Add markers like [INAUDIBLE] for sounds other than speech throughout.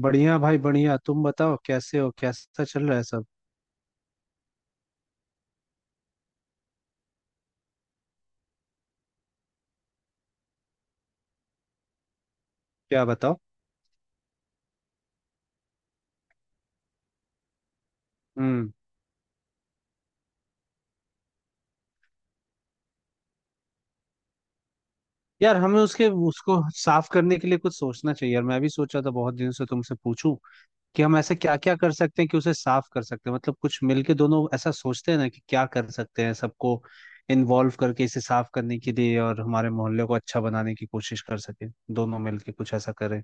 बढ़िया भाई बढ़िया। तुम बताओ कैसे हो, कैसा चल रहा है सब। क्या बताओ। हम्म। यार हमें उसके उसको साफ करने के लिए कुछ सोचना चाहिए यार, मैं भी सोचा था बहुत दिन से तुमसे पूछूं कि हम ऐसे क्या क्या कर सकते हैं कि उसे साफ कर सकते हैं। मतलब कुछ मिलके दोनों ऐसा सोचते हैं ना कि क्या कर सकते हैं, सबको इन्वॉल्व करके इसे साफ करने के लिए और हमारे मोहल्ले को अच्छा बनाने की कोशिश कर सके। दोनों मिलके कुछ ऐसा करें।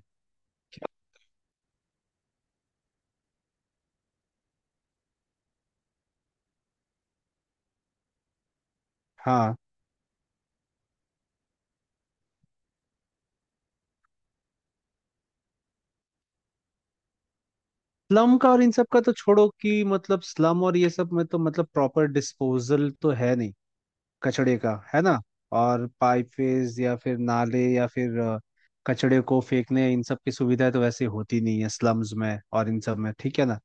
हाँ। स्लम का और इन सब का तो छोड़ो कि मतलब स्लम और ये सब में तो मतलब प्रॉपर डिस्पोजल तो है नहीं कचड़े का, है ना। और पाइपवेज या फिर नाले या फिर कचड़े को फेंकने इन सब की सुविधा तो वैसे होती नहीं है स्लम्स में और इन सब में, ठीक है ना।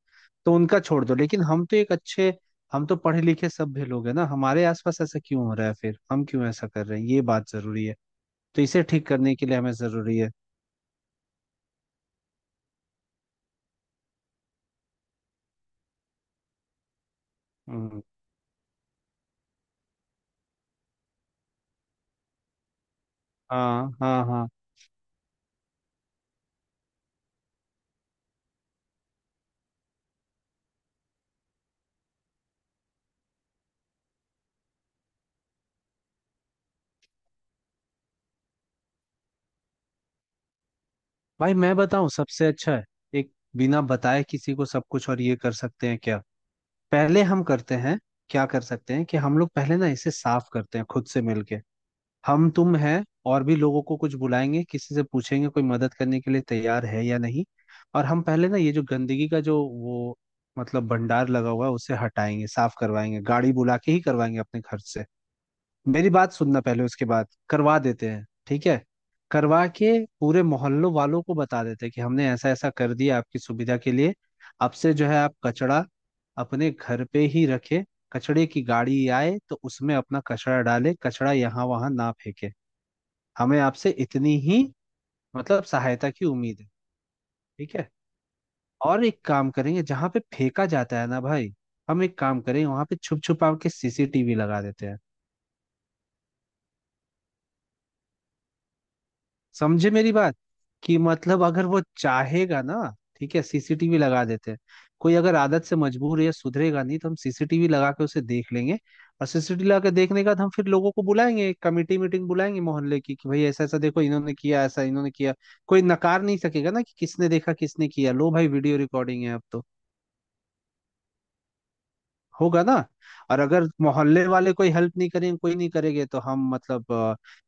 तो उनका छोड़ दो, लेकिन हम तो एक अच्छे, हम तो पढ़े लिखे सभ्य लोग हैं ना। हमारे आसपास ऐसा क्यों हो रहा है, फिर हम क्यों ऐसा कर रहे हैं, ये बात जरूरी है। तो इसे ठीक करने के लिए हमें जरूरी है। हम्म, हाँ हाँ हाँ। भाई मैं बताऊं सबसे अच्छा है, एक, बिना बताए किसी को सब कुछ, और ये कर सकते हैं क्या? पहले हम करते हैं। क्या कर सकते हैं कि हम लोग पहले ना इसे साफ करते हैं खुद से मिलके। हम तुम है और भी लोगों को कुछ बुलाएंगे, किसी से पूछेंगे कोई मदद करने के लिए तैयार है या नहीं। और हम पहले ना ये जो गंदगी का जो वो, मतलब भंडार लगा हुआ है, उसे हटाएंगे, साफ करवाएंगे, गाड़ी बुला के ही करवाएंगे अपने खर्च से। मेरी बात सुनना पहले, उसके बाद करवा देते हैं ठीक है। करवा के पूरे मोहल्लों वालों को बता देते हैं कि हमने ऐसा ऐसा कर दिया आपकी सुविधा के लिए। अब से जो है आप कचड़ा अपने घर पे ही रखे। कचड़े की गाड़ी आए तो उसमें अपना कचड़ा डाले, कचड़ा यहाँ वहां ना फेंके। हमें आपसे इतनी ही मतलब सहायता की उम्मीद है। ठीक है। और एक काम करेंगे, जहाँ पे फेंका जाता है ना भाई, हम एक काम करेंगे वहां पे छुप छुपा के सीसीटीवी लगा देते हैं। समझे मेरी बात। कि मतलब अगर वो चाहेगा ना, ठीक है सीसीटीवी लगा देते हैं। कोई अगर आदत से मजबूर है, सुधरेगा नहीं तो हम सीसीटीवी लगा के उसे देख लेंगे। और सीसीटीवी लगा के देखने के बाद हम फिर लोगों को बुलाएंगे, एक कमेटी मीटिंग बुलाएंगे मोहल्ले की, कि भाई ऐसा ऐसा देखो, इन्होंने किया ऐसा, इन्होंने किया। कोई नकार नहीं सकेगा ना कि किसने देखा किसने किया। लो भाई वीडियो रिकॉर्डिंग है अब तो। होगा ना। और अगर मोहल्ले वाले कोई हेल्प नहीं करेंगे, कोई नहीं करेंगे तो हम मतलब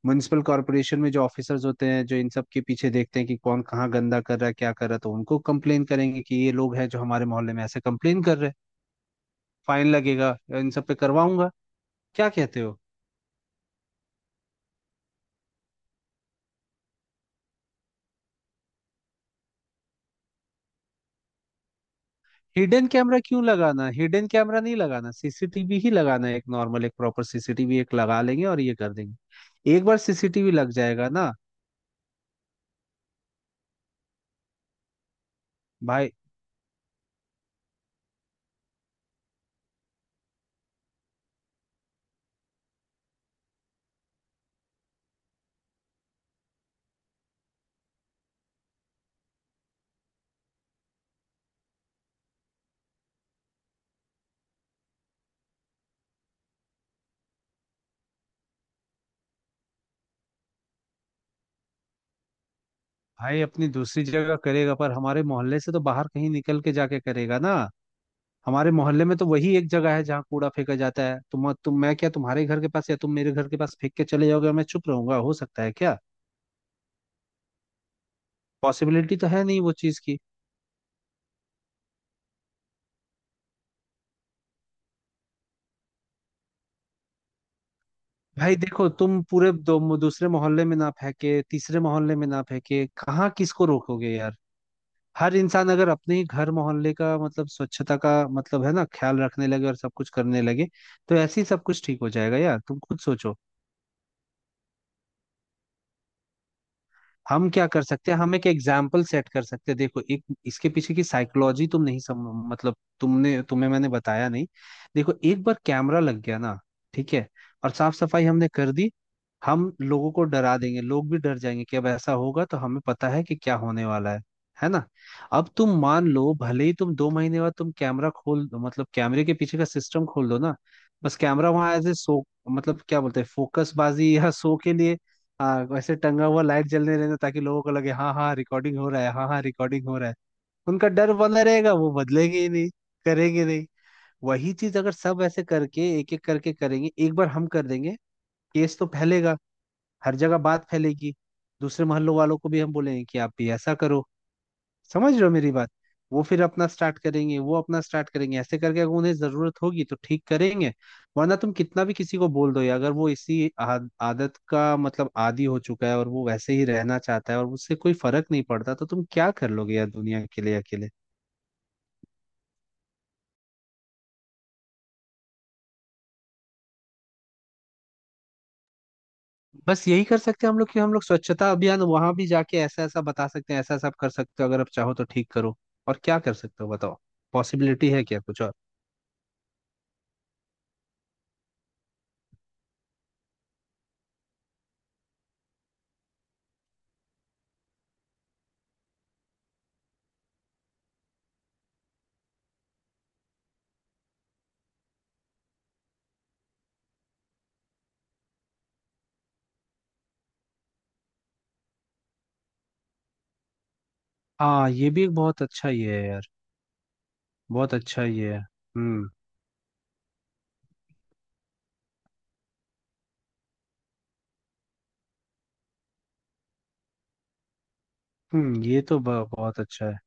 म्युनिसिपल कॉरपोरेशन में जो ऑफिसर्स होते हैं, जो इन सब के पीछे देखते हैं कि कौन कहाँ गंदा कर रहा है क्या कर रहा है, तो उनको कंप्लेन करेंगे कि ये लोग हैं जो हमारे मोहल्ले में ऐसे कंप्लेन कर रहे हैं। फाइन लगेगा। इन सब पे करवाऊंगा। क्या कहते हो। हिडन कैमरा क्यों लगाना, हिडन कैमरा नहीं लगाना, सीसीटीवी ही लगाना है। एक नॉर्मल एक प्रॉपर सीसीटीवी एक लगा लेंगे और ये कर देंगे, एक बार सीसीटीवी लग जाएगा ना भाई। भाई अपनी दूसरी जगह करेगा पर हमारे मोहल्ले से तो बाहर कहीं निकल के जाके करेगा ना। हमारे मोहल्ले में तो वही एक जगह है जहाँ कूड़ा फेंका जाता है। तुम मैं क्या तुम्हारे घर के पास या तुम मेरे घर के पास फेंक के चले जाओगे और मैं चुप रहूंगा, हो सकता है क्या? पॉसिबिलिटी तो है नहीं वो चीज की। भाई देखो तुम पूरे दो दूसरे मोहल्ले में ना फेंके, तीसरे मोहल्ले में ना फेंके, कहाँ किसको रोकोगे यार। हर इंसान अगर अपने ही घर मोहल्ले का मतलब स्वच्छता का मतलब है ना ख्याल रखने लगे और सब कुछ करने लगे, तो ऐसे ही सब कुछ ठीक हो जाएगा यार। तुम खुद सोचो हम क्या कर सकते हैं। हम एक एग्जाम्पल सेट कर सकते हैं। देखो एक इसके पीछे की साइकोलॉजी तुम नहीं सम, मतलब तुमने तुम्हें मैंने बताया नहीं। देखो एक बार कैमरा लग गया ना, ठीक है, और साफ सफाई हमने कर दी, हम लोगों को डरा देंगे, लोग भी डर जाएंगे कि अब ऐसा होगा तो हमें पता है कि क्या होने वाला है ना। अब तुम मान लो भले ही तुम दो महीने बाद तुम कैमरा खोल दो, मतलब कैमरे के पीछे का सिस्टम खोल दो ना, बस कैमरा वहां एज ए सो, मतलब क्या बोलते हैं फोकस बाजी या सो के लिए। हाँ वैसे टंगा हुआ लाइट जलने रहना ताकि लोगों को लगे हाँ हाँ रिकॉर्डिंग हो रहा है, हाँ हाँ रिकॉर्डिंग हो रहा है। उनका डर बना रहेगा, वो बदलेंगे ही नहीं। करेंगे नहीं। वही चीज अगर सब ऐसे करके एक एक करके करेंगे, एक बार हम कर देंगे, केस तो फैलेगा, हर जगह बात फैलेगी। दूसरे मोहल्लों वालों को भी हम बोलेंगे कि आप भी ऐसा करो। समझ रहे हो मेरी बात। वो फिर अपना स्टार्ट करेंगे, वो अपना स्टार्ट करेंगे, ऐसे करके अगर उन्हें जरूरत होगी तो ठीक करेंगे। वरना तुम कितना भी किसी को बोल दो ये, अगर वो इसी आदत का मतलब आदी हो चुका है और वो वैसे ही रहना चाहता है और उससे कोई फर्क नहीं पड़ता, तो तुम क्या कर लोगे यार दुनिया के लिए अकेले। बस यही कर सकते हैं हम लोग कि हम लोग स्वच्छता अभियान वहां भी जाके ऐसा ऐसा बता सकते हैं, ऐसा ऐसा आप कर सकते हो, अगर आप चाहो तो ठीक करो। और क्या कर सकते हो बताओ, पॉसिबिलिटी है क्या कुछ और। हाँ ये भी एक बहुत अच्छा ये है यार। बहुत अच्छा ये है। हम्म। हम्म, ये तो बहुत अच्छा है।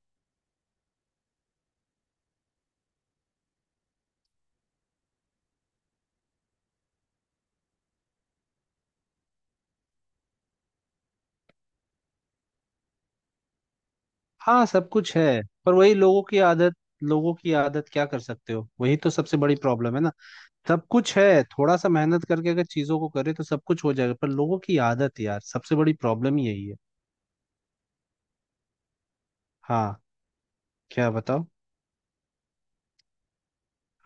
हाँ सब कुछ है, पर वही लोगों की आदत। लोगों की आदत क्या कर सकते हो, वही तो सबसे बड़ी प्रॉब्लम है ना। सब कुछ है, थोड़ा सा मेहनत करके अगर चीजों को करे तो सब कुछ हो जाएगा, पर लोगों की आदत यार सबसे बड़ी प्रॉब्लम ही यही है। हाँ। क्या बताओ।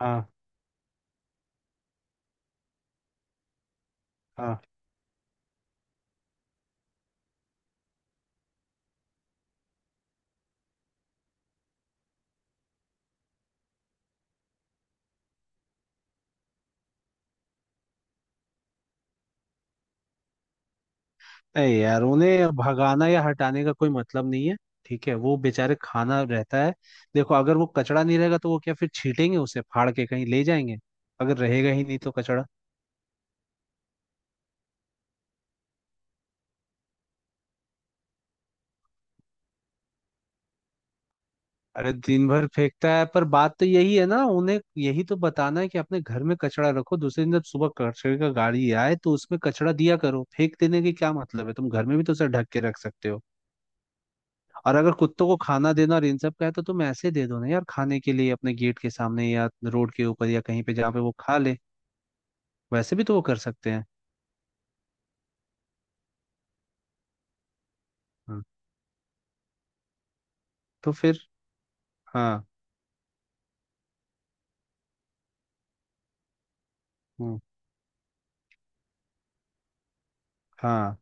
हाँ। हाँ। नहीं यार उन्हें भगाना या हटाने का कोई मतलब नहीं है। ठीक है वो बेचारे खाना रहता है। देखो अगर वो कचड़ा नहीं रहेगा तो वो क्या फिर छीटेंगे, उसे फाड़ के कहीं ले जाएंगे, अगर रहेगा ही नहीं तो कचड़ा। अरे दिन भर फेंकता है, पर बात तो यही है ना, उन्हें यही तो बताना है कि अपने घर में कचरा रखो, दूसरे दिन जब सुबह कचरे का गाड़ी आए तो उसमें कचरा दिया करो, फेंक देने की क्या मतलब है, तुम घर में भी तो उसे ढक के रख सकते हो। और अगर कुत्तों को खाना देना और इन सब का है तो तुम ऐसे दे दो ना यार खाने के लिए अपने गेट के सामने या रोड के ऊपर या कहीं पे जहाँ पे वो खा ले। वैसे भी तो वो कर सकते हैं। हम्म, तो फिर। हाँ। हम्म, हाँ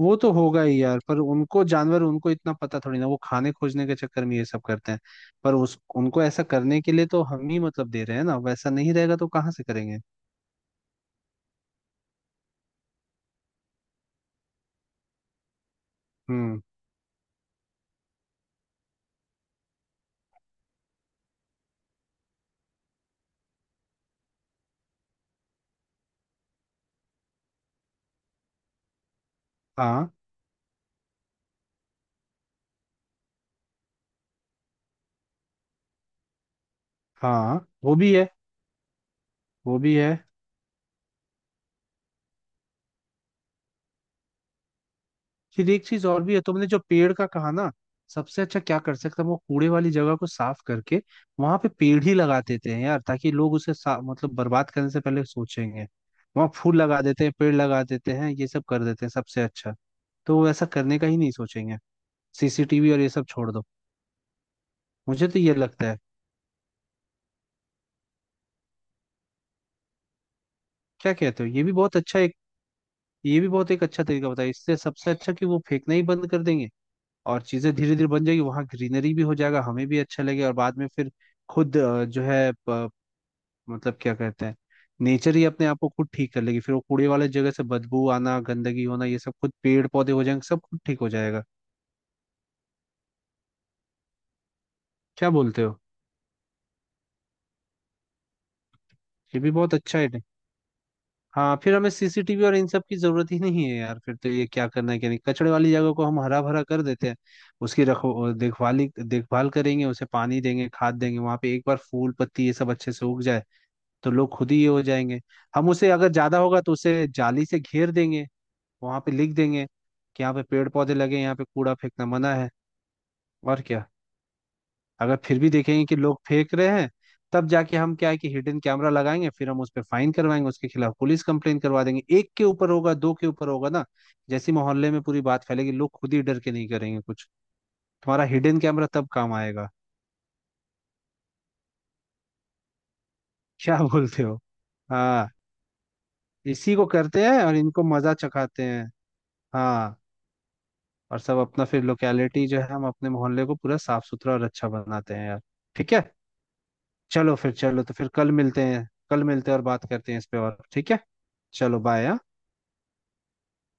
वो तो होगा ही यार, पर उनको जानवर उनको इतना पता थोड़ी ना, वो खाने खोजने के चक्कर में ये सब करते हैं। पर उस उनको ऐसा करने के लिए तो हम ही मतलब दे रहे हैं ना, वैसा नहीं रहेगा तो कहाँ से करेंगे। हम्म। हाँ। हाँ वो भी है। वो भी है। फिर एक चीज और भी है, तुमने जो पेड़ का कहा ना। सबसे अच्छा क्या कर सकते हैं, वो कूड़े वाली जगह को साफ करके वहां पे पेड़ ही लगा देते हैं यार, ताकि लोग मतलब बर्बाद करने से पहले सोचेंगे। वहां फूल लगा देते हैं, पेड़ लगा देते हैं, ये सब कर देते हैं सबसे अच्छा, तो वो ऐसा करने का ही नहीं सोचेंगे। सीसीटीवी और ये सब छोड़ दो, मुझे तो ये लगता है। क्या कहते हो, ये भी बहुत अच्छा एक, ये भी बहुत एक अच्छा तरीका बताया, इससे सबसे अच्छा कि वो फेंकना ही बंद कर देंगे। और चीजें धीरे धीरे बन जाएगी, वहां ग्रीनरी भी हो जाएगा, हमें भी अच्छा लगेगा। और बाद में फिर खुद जो है मतलब क्या कहते हैं, नेचर ही अपने आप को खुद ठीक कर लेगी फिर। वो कूड़े वाले जगह से बदबू आना गंदगी होना ये सब खुद पेड़ पौधे हो जाएंगे, सब खुद ठीक हो जाएगा। क्या बोलते हो, ये भी बहुत अच्छा है। हाँ फिर हमें सीसीटीवी और इन सब की जरूरत ही नहीं है यार। फिर तो ये क्या करना है क्या नहीं, कचड़े वाली जगह को हम हरा भरा कर देते हैं, उसकी रखो देखभाली, देखभाल करेंगे, उसे पानी देंगे, खाद देंगे। वहां पे एक बार फूल पत्ती ये सब अच्छे से उग जाए तो लोग खुद ही ये हो जाएंगे। हम उसे अगर ज्यादा होगा तो उसे जाली से घेर देंगे, वहां पे लिख देंगे कि यहाँ पे पेड़ पौधे लगे, यहाँ पे कूड़ा फेंकना मना है। और क्या। अगर फिर भी देखेंगे कि लोग फेंक रहे हैं, तब जाके हम क्या है कि हिडन कैमरा लगाएंगे, फिर हम उस पर फाइन करवाएंगे, उसके खिलाफ पुलिस कंप्लेन करवा देंगे। एक के ऊपर होगा, दो के ऊपर होगा ना, जैसी मोहल्ले में पूरी बात फैलेगी, लोग खुद ही डर के नहीं करेंगे कुछ। तुम्हारा हिडन कैमरा तब काम आएगा। [LAUGHS] क्या बोलते हो। हाँ। इसी को करते हैं और इनको मजा चखाते हैं। हाँ। और सब अपना फिर लोकेलिटी जो है, हम अपने मोहल्ले को पूरा साफ सुथरा और अच्छा बनाते हैं यार। ठीक है। चलो फिर, चलो तो फिर कल मिलते हैं, कल मिलते हैं और बात करते हैं इस पे, और ठीक है। चलो बाय।